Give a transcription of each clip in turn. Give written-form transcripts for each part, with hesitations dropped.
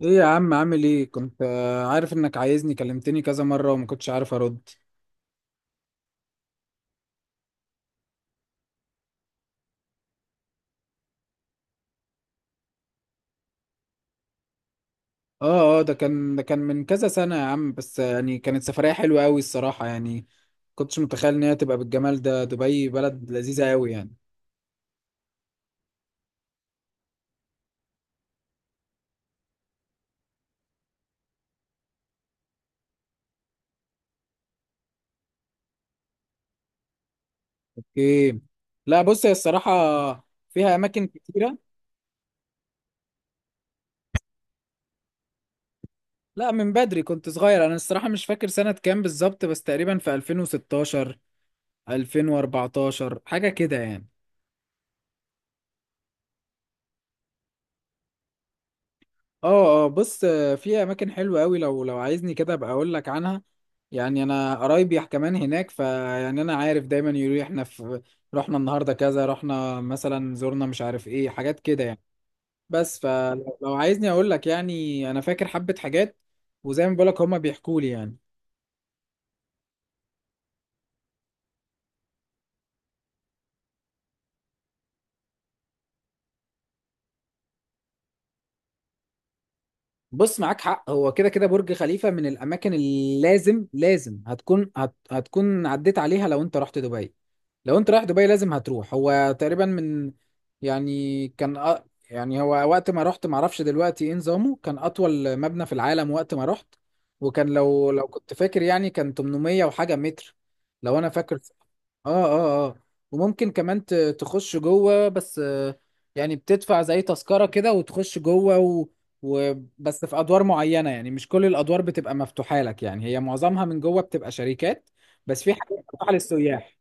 ايه يا عم، عامل ايه؟ كنت عارف انك عايزني، كلمتني كذا مرة وما كنتش عارف ارد. اه، اه، ده كان من كذا سنة يا عم، بس يعني كانت سفرية حلوة قوي الصراحة يعني. كنتش متخيل ان هي تبقى بالجمال ده، دبي بلد لذيذة قوي يعني. اوكي. لا، بص، هي الصراحة فيها اماكن كتيرة. لا، من بدري كنت صغير، انا الصراحة مش فاكر سنة كام بالظبط، بس تقريبا في 2016 2014 حاجة كده يعني. اه، اه، بص، في اماكن حلوه قوي، لو عايزني كده ابقى اقول لك عنها. يعني انا قرايبي كمان هناك، فيعني انا عارف دايما يقولوا لي احنا في، رحنا النهارده كذا، رحنا مثلا، زرنا مش عارف ايه، حاجات كده يعني. بس فلو عايزني اقول لك، يعني انا فاكر حبه حاجات. وزي ما بقول لك هما بيحكوا لي يعني. بص، معاك حق، هو كده كده برج خليفة من الأماكن اللي لازم لازم هتكون عديت عليها لو أنت رحت دبي. لو أنت رايح دبي لازم هتروح. هو تقريبا من، يعني كان يعني هو، وقت ما رحت، معرفش دلوقتي إيه نظامه، كان أطول مبنى في العالم وقت ما رحت. وكان، لو كنت فاكر، يعني كان 800 وحاجة متر، لو أنا فاكر. اه، اه، اه. وممكن كمان تخش جوه، بس يعني بتدفع زي تذكرة كده وتخش جوه. وبس في ادوار معينة، يعني مش كل الادوار بتبقى مفتوحة لك، يعني هي معظمها من جوه بتبقى شركات. بس في حاجات مفتوحة للسياح.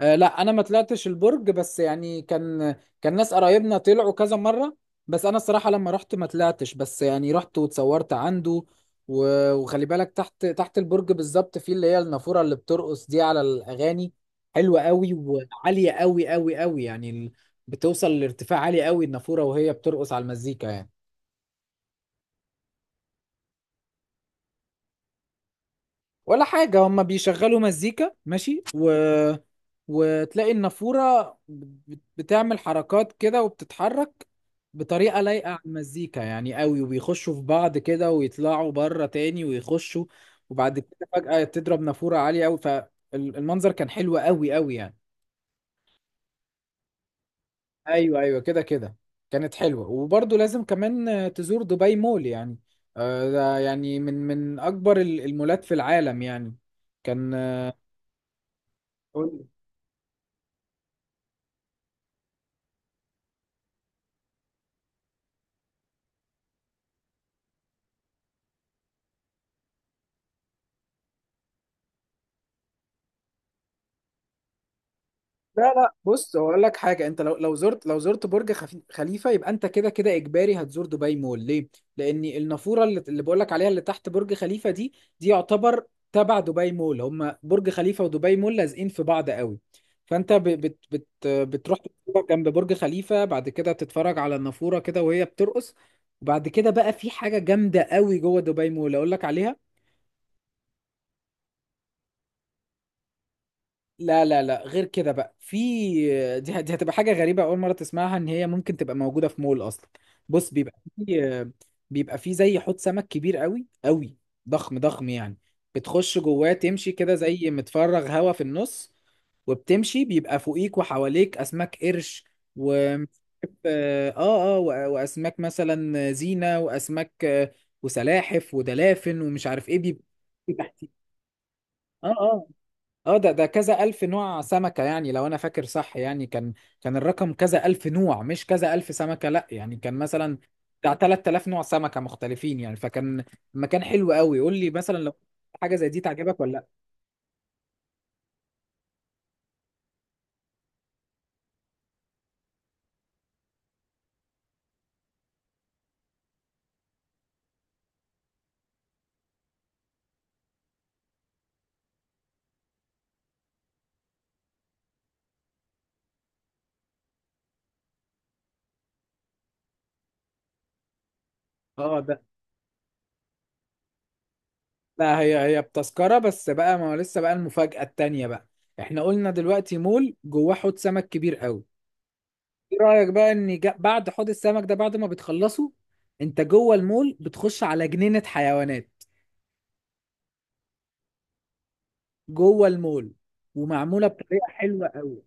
آه، لا، انا ما طلعتش البرج، بس يعني كان، كان ناس قرايبنا طلعوا كذا مره. بس انا الصراحه لما رحت ما طلعتش، بس يعني رحت واتصورت عنده. وخلي بالك تحت تحت البرج بالظبط، في اللي هي النافوره اللي بترقص دي على الاغاني، حلوه قوي وعاليه قوي قوي قوي يعني. بتوصل لارتفاع عالي قوي النافوره، وهي بترقص على المزيكا يعني. ولا حاجة، هما بيشغلوا مزيكا ماشي. وتلاقي النافورة بتعمل حركات كده وبتتحرك بطريقة لايقة على المزيكا يعني قوي، وبيخشوا في بعض كده ويطلعوا بره تاني ويخشوا، وبعد كده فجأة تضرب نافورة عالية قوي، فالمنظر كان حلو قوي قوي يعني. ايوه، ايوه، كده كده. كانت حلوة، وبرضه لازم كمان تزور دبي مول يعني. ده يعني من اكبر المولات في العالم يعني. كان. قول. لا، لا، بص، هو اقول لك حاجه، انت لو زرت برج خليفه يبقى انت كده كده اجباري هتزور دبي مول، ليه؟ لان النافوره اللي بقول لك عليها اللي تحت برج خليفه دي، دي يعتبر تبع دبي مول، هما برج خليفه ودبي مول لازقين في بعض قوي. فانت ب... بت... بت... بتروح تتفرج جنب برج خليفه، بعد كده تتفرج على النافوره كده وهي بترقص. وبعد كده بقى في حاجه جامده قوي جوه دبي مول، اقول لك عليها. لا، لا، لا، غير كده بقى في، دي هتبقى حاجة غريبة أول مرة تسمعها، إن هي ممكن تبقى موجودة في مول أصلا. بص، بيبقى في، بيبقى في زي حوض سمك كبير قوي قوي، ضخم ضخم يعني. بتخش جواه تمشي كده زي متفرغ هوا في النص، وبتمشي بيبقى فوقيك وحواليك أسماك قرش و آه آه وأ- وأسماك مثلا زينة، وأسماك، وسلاحف ودلافن ومش عارف إيه بيبقى تحتيه. اه، آه. اه، ده كذا ألف نوع سمكة، يعني لو أنا فاكر صح، يعني كان، كان الرقم كذا ألف نوع مش كذا ألف سمكة، لأ، يعني كان مثلا بتاع 3000 نوع سمكة مختلفين يعني، فكان مكان حلو قوي. قول لي مثلا لو حاجة زي دي تعجبك ولا لأ؟ اه، ده، لا، هي بتذكرة بس بقى، ما هو لسه بقى المفاجأة التانية بقى. احنا قلنا دلوقتي مول جواه حوض سمك كبير قوي، ايه رأيك بقى ان بعد حوض السمك ده، بعد ما بتخلصه انت جوه المول بتخش على جنينة حيوانات، جوه المول، ومعموله بطريقه حلوه قوي.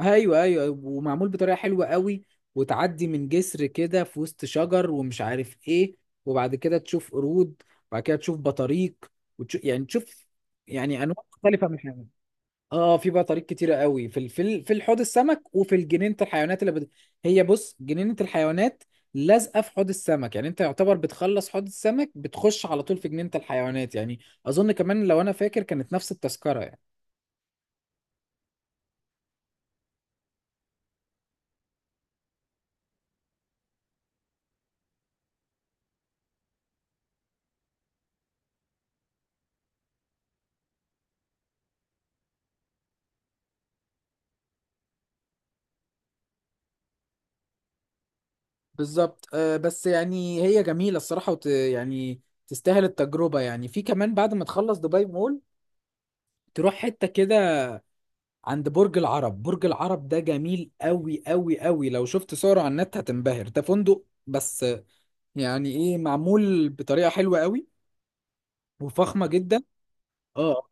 ايوه، ايوه، ومعمول بطريقه حلوه قوي، وتعدي من جسر كده في وسط شجر ومش عارف ايه، وبعد كده تشوف قرود، وبعد كده تشوف بطاريق، وتشوف يعني تشوف، يعني انواع مختلفه من الحيوانات. اه، في بطاريق كتيره قوي في حوض السمك، وفي جنينه الحيوانات. هي بص، جنينه الحيوانات لازقه في حوض السمك، يعني انت يعتبر بتخلص حوض السمك بتخش على طول في جنينه الحيوانات يعني. اظن كمان لو انا فاكر كانت نفس التذكره يعني. بالظبط، بس يعني هي جميلة الصراحة يعني تستاهل التجربة يعني. في كمان بعد ما تخلص دبي مول تروح حتة كده عند برج العرب. برج العرب ده جميل قوي قوي قوي، لو شفت صوره على النت هتنبهر، ده فندق بس يعني ايه، معمول بطريقة حلوة قوي وفخمة جدا. اه،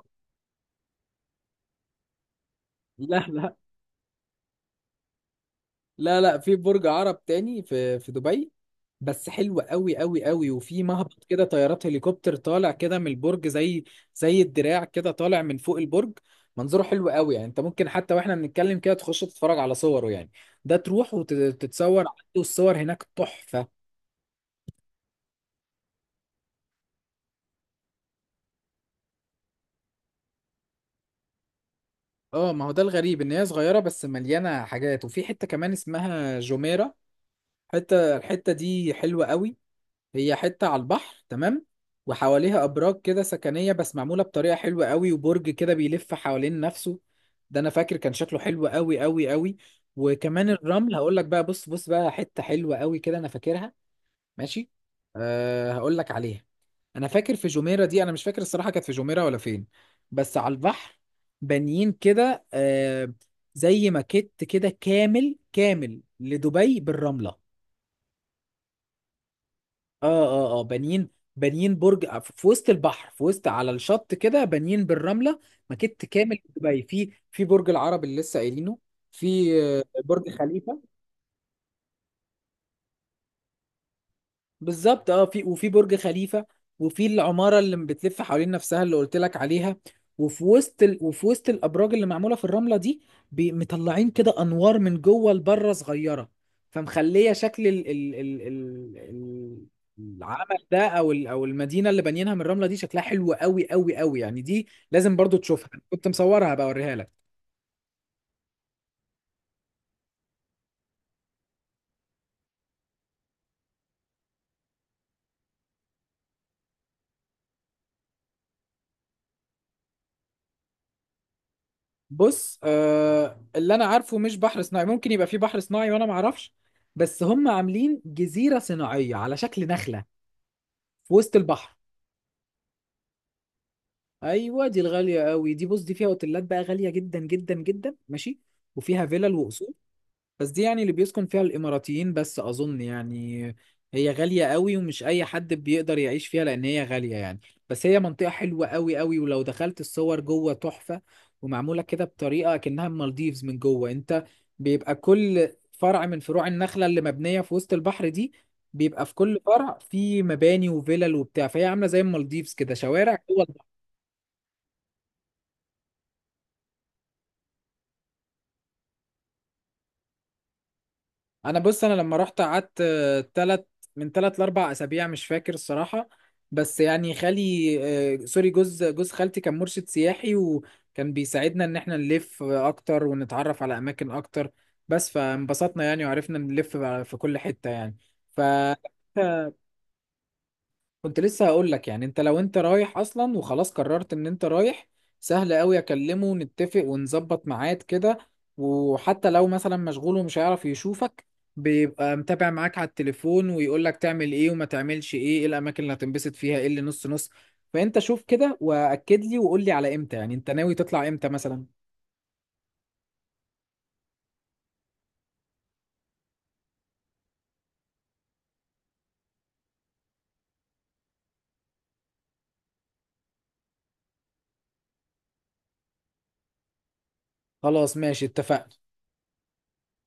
لا، لا، لا، لا، في برج عرب تاني في دبي. بس حلو قوي قوي قوي، وفي مهبط كده طيارات هليكوبتر طالع كده من البرج، زي زي الدراع كده طالع من فوق البرج. منظره حلو قوي يعني، انت ممكن حتى واحنا بنتكلم كده تخش تتفرج على صوره يعني، ده تروح وتتصور، والصور هناك تحفة. اه، ما هو ده الغريب، ان هي صغيرة بس مليانة حاجات. وفي حتة كمان اسمها جوميرا، الحتة دي حلوة قوي. هي حتة على البحر تمام، وحواليها أبراج كده سكنية بس معمولة بطريقة حلوة قوي، وبرج كده بيلف حوالين نفسه، ده أنا فاكر كان شكله حلو قوي قوي قوي. وكمان الرمل هقول لك بقى، بص بص بقى حتة حلوة قوي كده أنا فاكرها. ماشي، أه، هقول لك عليها. أنا فاكر في جميرة دي، أنا مش فاكر الصراحة كانت في جميرة ولا فين، بس على البحر بانيين كده، أه، زي ماكيت كده كامل كامل لدبي بالرملة. اه، اه، اه، بانيين، بانيين برج في وسط البحر، في وسط على الشط كده بانيين بالرمله، مكت كامل دبي، في برج العرب اللي لسه قايلينه، في برج خليفه، بالظبط. اه، في، وفي برج خليفة، وفي العمارة اللي بتلف حوالين نفسها اللي قلت لك عليها. وفي وسط الأبراج اللي معمولة في الرملة دي، مطلعين كده أنوار من جوه لبره صغيرة، فمخلية شكل العمل ده، أو أو المدينة اللي بانيينها من الرملة دي، شكلها حلو قوي قوي قوي يعني. دي لازم برضو تشوفها، كنت مصورها بقى أوريها لك. بص، اللي انا عارفه مش بحر صناعي، ممكن يبقى في بحر صناعي وانا ما اعرفش، بس هم عاملين جزيره صناعيه على شكل نخله في وسط البحر. ايوه، دي الغاليه قوي دي، بص، دي فيها اوتيلات بقى غاليه جدا جدا جدا، ماشي، وفيها فيلل وقصور. بس دي يعني اللي بيسكن فيها الإماراتيين بس أظن يعني، هي غالية قوي ومش أي حد بيقدر يعيش فيها، لأن هي غالية يعني. بس هي منطقة حلوة قوي قوي، ولو دخلت الصور جوه تحفة، ومعمولة كده بطريقة كأنها المالديفز من جوه. أنت بيبقى كل فرع من فروع النخلة اللي مبنية في وسط البحر دي، بيبقى في كل فرع في مباني وفلل وبتاع، فهي عاملة زي المالديفز كده، شوارع جوه. انا بص، انا لما رحت قعدت، تلت، من تلت لاربع اسابيع مش فاكر الصراحه. بس يعني خالي، سوري، جوز خالتي كان مرشد سياحي وكان بيساعدنا ان احنا نلف اكتر ونتعرف على اماكن اكتر، بس فانبسطنا يعني وعرفنا نلف بقى في كل حته يعني ف كنت لسه هقول لك، يعني انت لو انت رايح اصلا وخلاص قررت ان انت رايح، سهل قوي اكلمه ونتفق ونظبط ميعاد كده، وحتى لو مثلا مشغول ومش هيعرف يشوفك، بيبقى متابع معاك على التليفون ويقول لك تعمل ايه وما تعملش ايه، ايه الاماكن اللي هتنبسط فيها، ايه اللي نص نص. فانت شوف كده واكد لي وقول لي على امتى، يعني انت ناوي تطلع امتى مثلا. خلاص، ماشي، اتفقنا.